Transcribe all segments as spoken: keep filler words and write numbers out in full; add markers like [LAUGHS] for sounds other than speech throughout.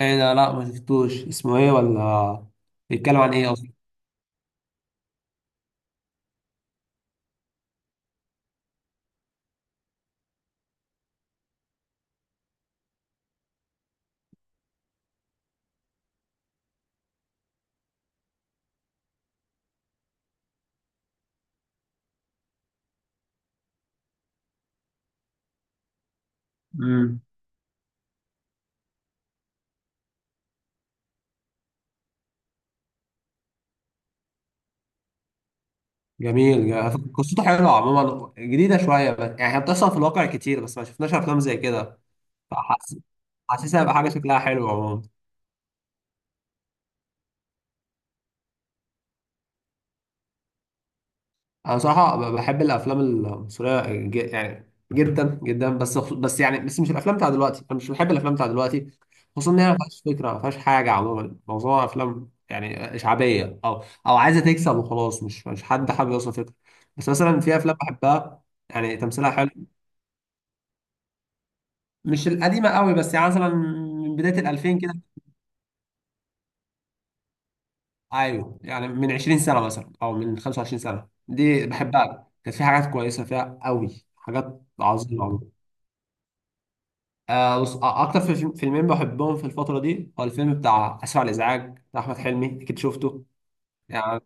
ايه ده؟ لا، ما شفتوش، اسمه ايه؟ ولا بيتكلم عن ايه اصلا؟ امم جميل جميل. قصته حلوه عموما، جديده شويه، بس يعني هي بتحصل في الواقع كتير، بس ما شفناش افلام زي كده. فحاسس حاسسها هيبقى حاجه شكلها حلو عموما. انا صراحه ب- بحب الافلام المصريه، ج- يعني جدا جدا، بس بس يعني بس مش الافلام بتاع دلوقتي، انا مش بحب الافلام بتاع دلوقتي، خصوصا ان هي ما فيهاش فكره، ما فيهاش حاجه عموما، معظمها افلام يعني شعبيه، او او عايزه تكسب وخلاص، مش مش حد حابب يوصل فكره. بس مثلا في افلام بحبها، يعني تمثيلها حلو. مش القديمه قوي، بس يعني مثلا من بدايه ال ألفين كده. ايوه، يعني من عشرين سنة سنه مثلا، او من خمسة وعشرين سنة سنه، دي بحبها، كانت في حاجات كويسه فيها قوي، حاجات عظيمه. آه بص، آه، اكتر في- فيلمين بحبهم في الفتره دي، هو الفيلم بتاع اسف على الازعاج بتاع احمد حلمي، اكيد شفته. يعني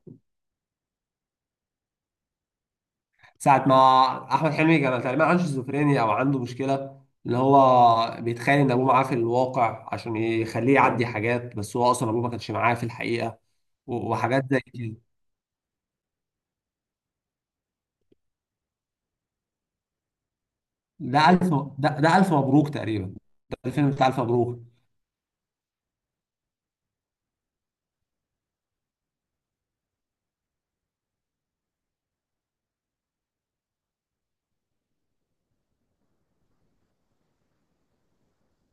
ساعه ما احمد حلمي كان تقريبا عنده شيزوفرينيا، او عنده مشكله، اللي هو بيتخيل ان ابوه معاه في الواقع عشان يخليه يعدي حاجات، بس هو اصلا ابوه ما كانش معاه في الحقيقه، و- وحاجات زي كده. ده الف، ده, ده الف مبروك تقريبا، ده الفيلم بتاع الف مبروك.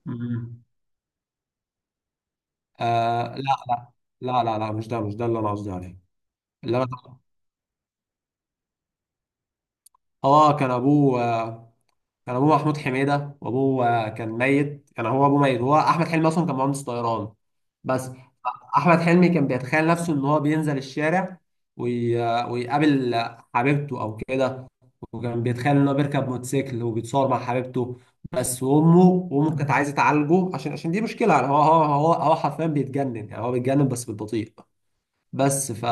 مم. آه، لا لا لا لا لا، مش ده مش ده اللي انا قصدي عليه. اللي انا هو كان ابوه، آه، كان ابوه محمود حميده، وابوه كان ميت، كان هو ابوه ميت، هو احمد حلمي اصلا كان مهندس طيران، بس. احمد حلمي كان بيتخيل نفسه ان هو بينزل الشارع، وي... ويقابل حبيبته او كده، وكان بيتخيل ان هو بيركب موتوسيكل وبيتصور مع حبيبته، بس. وامه، وامه كانت عايزه تعالجه، عشان عشان دي مشكله، يعني هو هو هو هو حرفيا بيتجنن، يعني هو بيتجنن بس بالبطيء. بس ف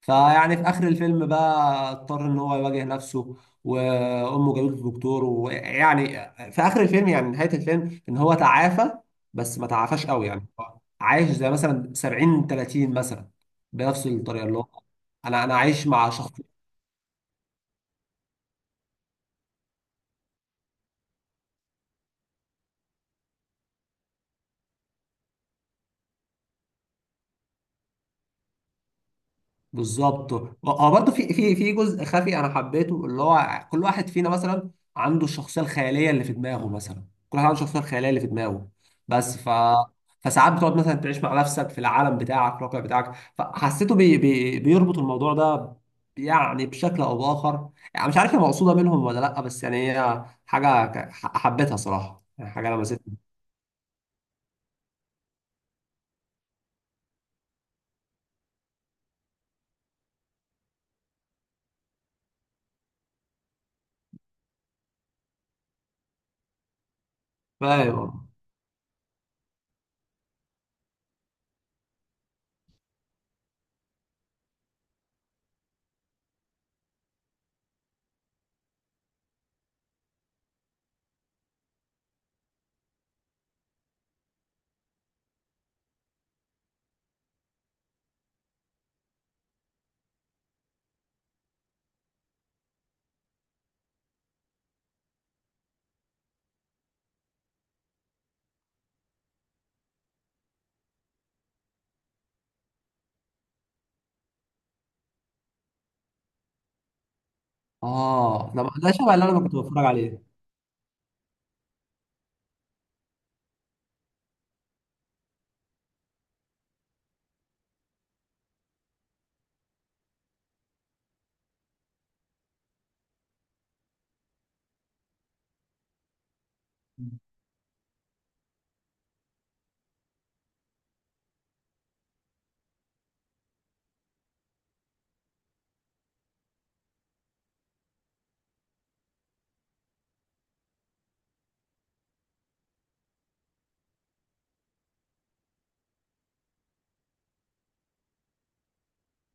فيعني في اخر الفيلم بقى، اضطر ان هو يواجه نفسه، وامه جابته دكتور، ويعني في اخر الفيلم، يعني نهاية الفيلم، ان هو تعافى، بس ما تعافاش قوي، يعني هو عايش زي مثلا سبعين تلاتين مثلا، بنفس الطريقة اللي هو انا انا عايش مع شخص. بالظبط. اه، برضه في في في جزء خفي انا حبيته، اللي هو كل واحد فينا مثلا عنده الشخصيه الخياليه اللي في دماغه مثلا، كل واحد عنده الشخصيه الخياليه اللي في دماغه، بس ف فساعات بتقعد مثلا تعيش مع نفسك في العالم بتاعك، الواقع بتاعك، فحسيته بي... بي... بيربط الموضوع ده، يعني بشكل او باخر، يعني مش عارف هي مقصوده منهم ولا لا، بس يعني هي حاجه ك- ح- حبيتها صراحه، يعني حاجه لمستني. فاهم. اه، ده ده شبه اللي انا كنت بتفرج عليه.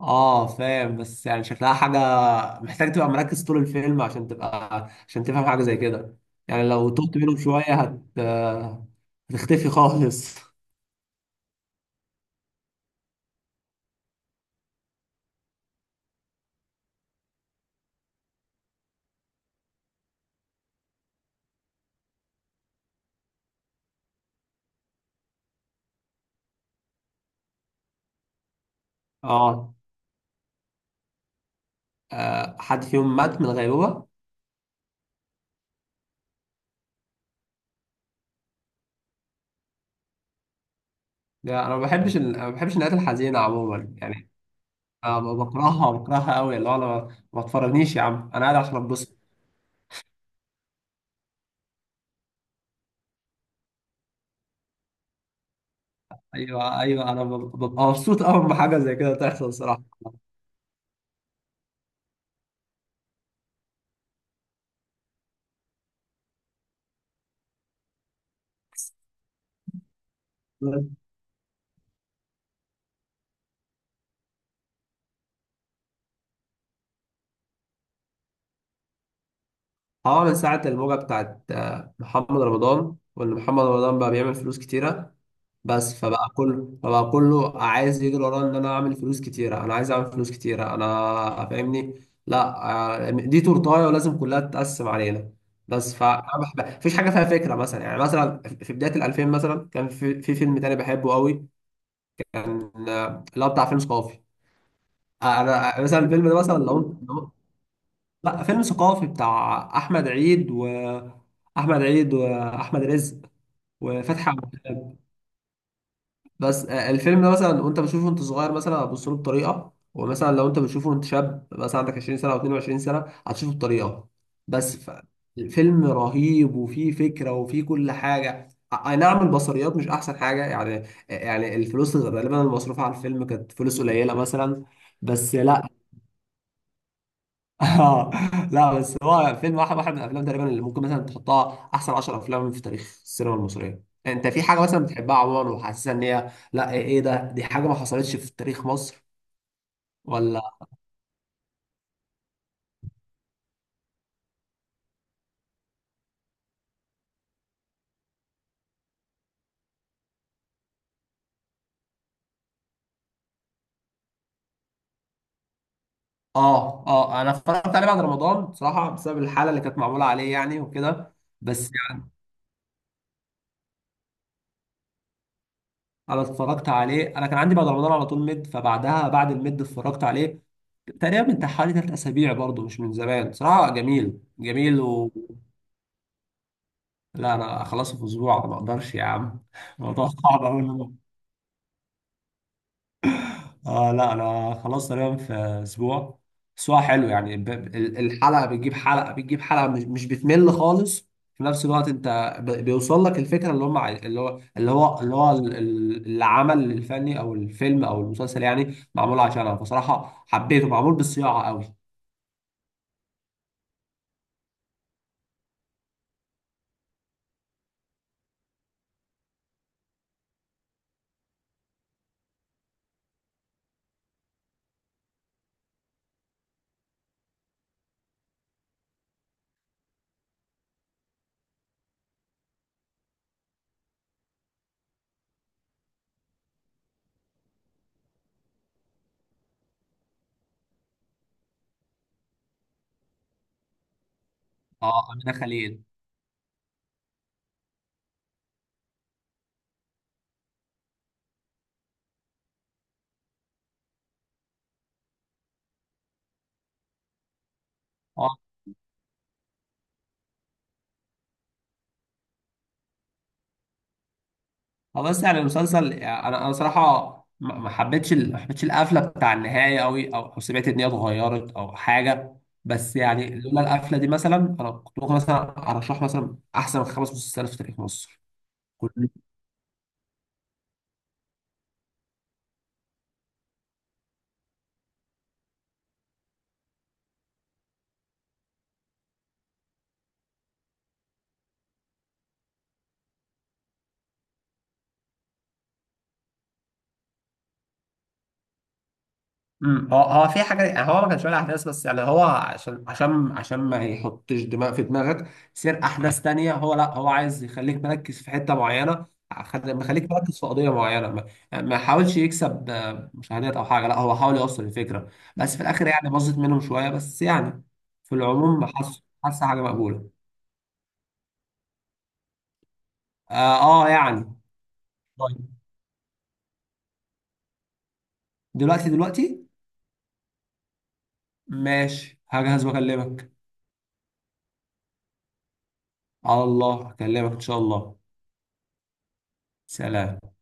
اه فاهم، بس يعني شكلها حاجة محتاج تبقى مركز طول الفيلم عشان تبقى، عشان تفهم حاجة زي كده، يعني لو تهت منهم شوية هت هتختفي خالص [LAUGHS] اه. آه، حد فيهم مات من الغيبوبة. لا، انا ما بحبش ال... أنا ما بحبش النهايات الحزينة عموما، يعني أنا ب- بكرهها بكرهها قوي، اللي هو انا ما ما تفرجنيش يا عم، انا قاعد عشان اتبسط. ايوه، ايوه، انا ب- ببقى مبسوط قوي لما حاجة زي كده تحصل، صراحة. اه، من ساعة الموجة بتاعت آه، محمد رمضان، وان محمد رمضان بقى بيعمل فلوس كتيرة، بس فبقى كله فبقى كله عايز يجري وراه، ان انا اعمل فلوس كتيرة، انا عايز اعمل فلوس كتيرة، انا فاهمني. لا، آه، دي تورتاية ولازم كلها تتقسم علينا، بس ف مفيش حاجة فيها فكرة مثلا. يعني مثلا في بداية الألفين مثلا، كان في, في فيلم تاني بحبه قوي، كان آه، اللي هو بتاع فيلم ثقافي. آه، انا آه، مثلا الفيلم ده مثلا لو، لا فيلم ثقافي بتاع احمد عيد، واحمد عيد واحمد رزق وفتحي عبد الوهاب. بس آه، الفيلم ده مثلا وانت بتشوفه وانت صغير مثلا هتبص له بطريقه، ومثلا لو انت بتشوفه وانت شاب مثلا عندك عشرين سنة سنه او اتنين وعشرين سنة سنه هتشوفه بطريقه، بس ف- الفيلم رهيب وفيه فكره وفيه كل حاجه. آه، اي نعم، البصريات مش احسن حاجه، يعني آه، يعني الفلوس غالبا المصروفه على الفيلم كانت فلوس قليله مثلا، بس لا [LAUGHS] اه لا، بس هو فيلم واحد واحد من الافلام تقريبا اللي ممكن مثلا تحطها احسن 10 افلام في تاريخ السينما المصريه، انت في حاجه مثلا بتحبها عموما وحاسسها ان هي، لا ايه، إيه ده، دي حاجه ما حصلتش في تاريخ مصر. ولا. اه، اه، انا اتفرجت عليه بعد رمضان بصراحه، بسبب الحاله اللي كانت معموله عليه، يعني وكده. بس يعني انا اتفرجت عليه، انا كان عندي بعد رمضان على طول ميد، فبعدها بعد الميد اتفرجت عليه تقريبا من حوالي ثلاث اسابيع برضه، مش من زمان صراحه. جميل جميل. لا، انا اخلصه في اسبوع ما اقدرش يا عم [LAUGHS] الموضوع صعب قوي. اه لا، انا خلاص تقريبا في اسبوع. اسبوع حلو يعني، ب- ب- ال- الحلقه بتجيب حلقه بتجيب حلقه، مش مش بتمل خالص، في نفس الوقت انت ب- بيوصل لك الفكره، اللي هم عاي- اللي هو اللي هو اللي هو ال- ال- العمل الفني او الفيلم او المسلسل يعني معمول عشانها بصراحه، حبيته، معمول بالصياعه قوي. اه، امينه خليل. آه، اه بس يعني المسلسل، يعني انا انا صراحه ما ما حبيتش ال- ما حبيتش القفله بتاع النهايه قوي، او او سمعت ان هي اتغيرت او حاجه، بس يعني لولا القفله دي مثلا، انا كنت ممكن مثلا ارشح مثلا احسن خمس مسلسلات في تاريخ مصر. امم هو هو في حاجه، هو ما كانش ولا احداث، بس يعني هو عشان عشان عشان ما يحطش دماغ في دماغك سير احداث [LAUGHS] تانية، هو لا، هو عايز يخليك مركز في حته معينه، خد- مخليك مركز في قضيه معينه، ما ما حاولش يكسب آه، مشاهدات او حاجه، لا هو حاول يوصل الفكره، بس في الاخر يعني باظت منهم شويه، بس يعني في العموم حاسس حاسس حاجه مقبوله. اه, آه يعني. طيب. دلوقتي؟ دلوقتي؟ ماشي، هجهز واكلمك. على الله اكلمك ان شاء الله. سلام.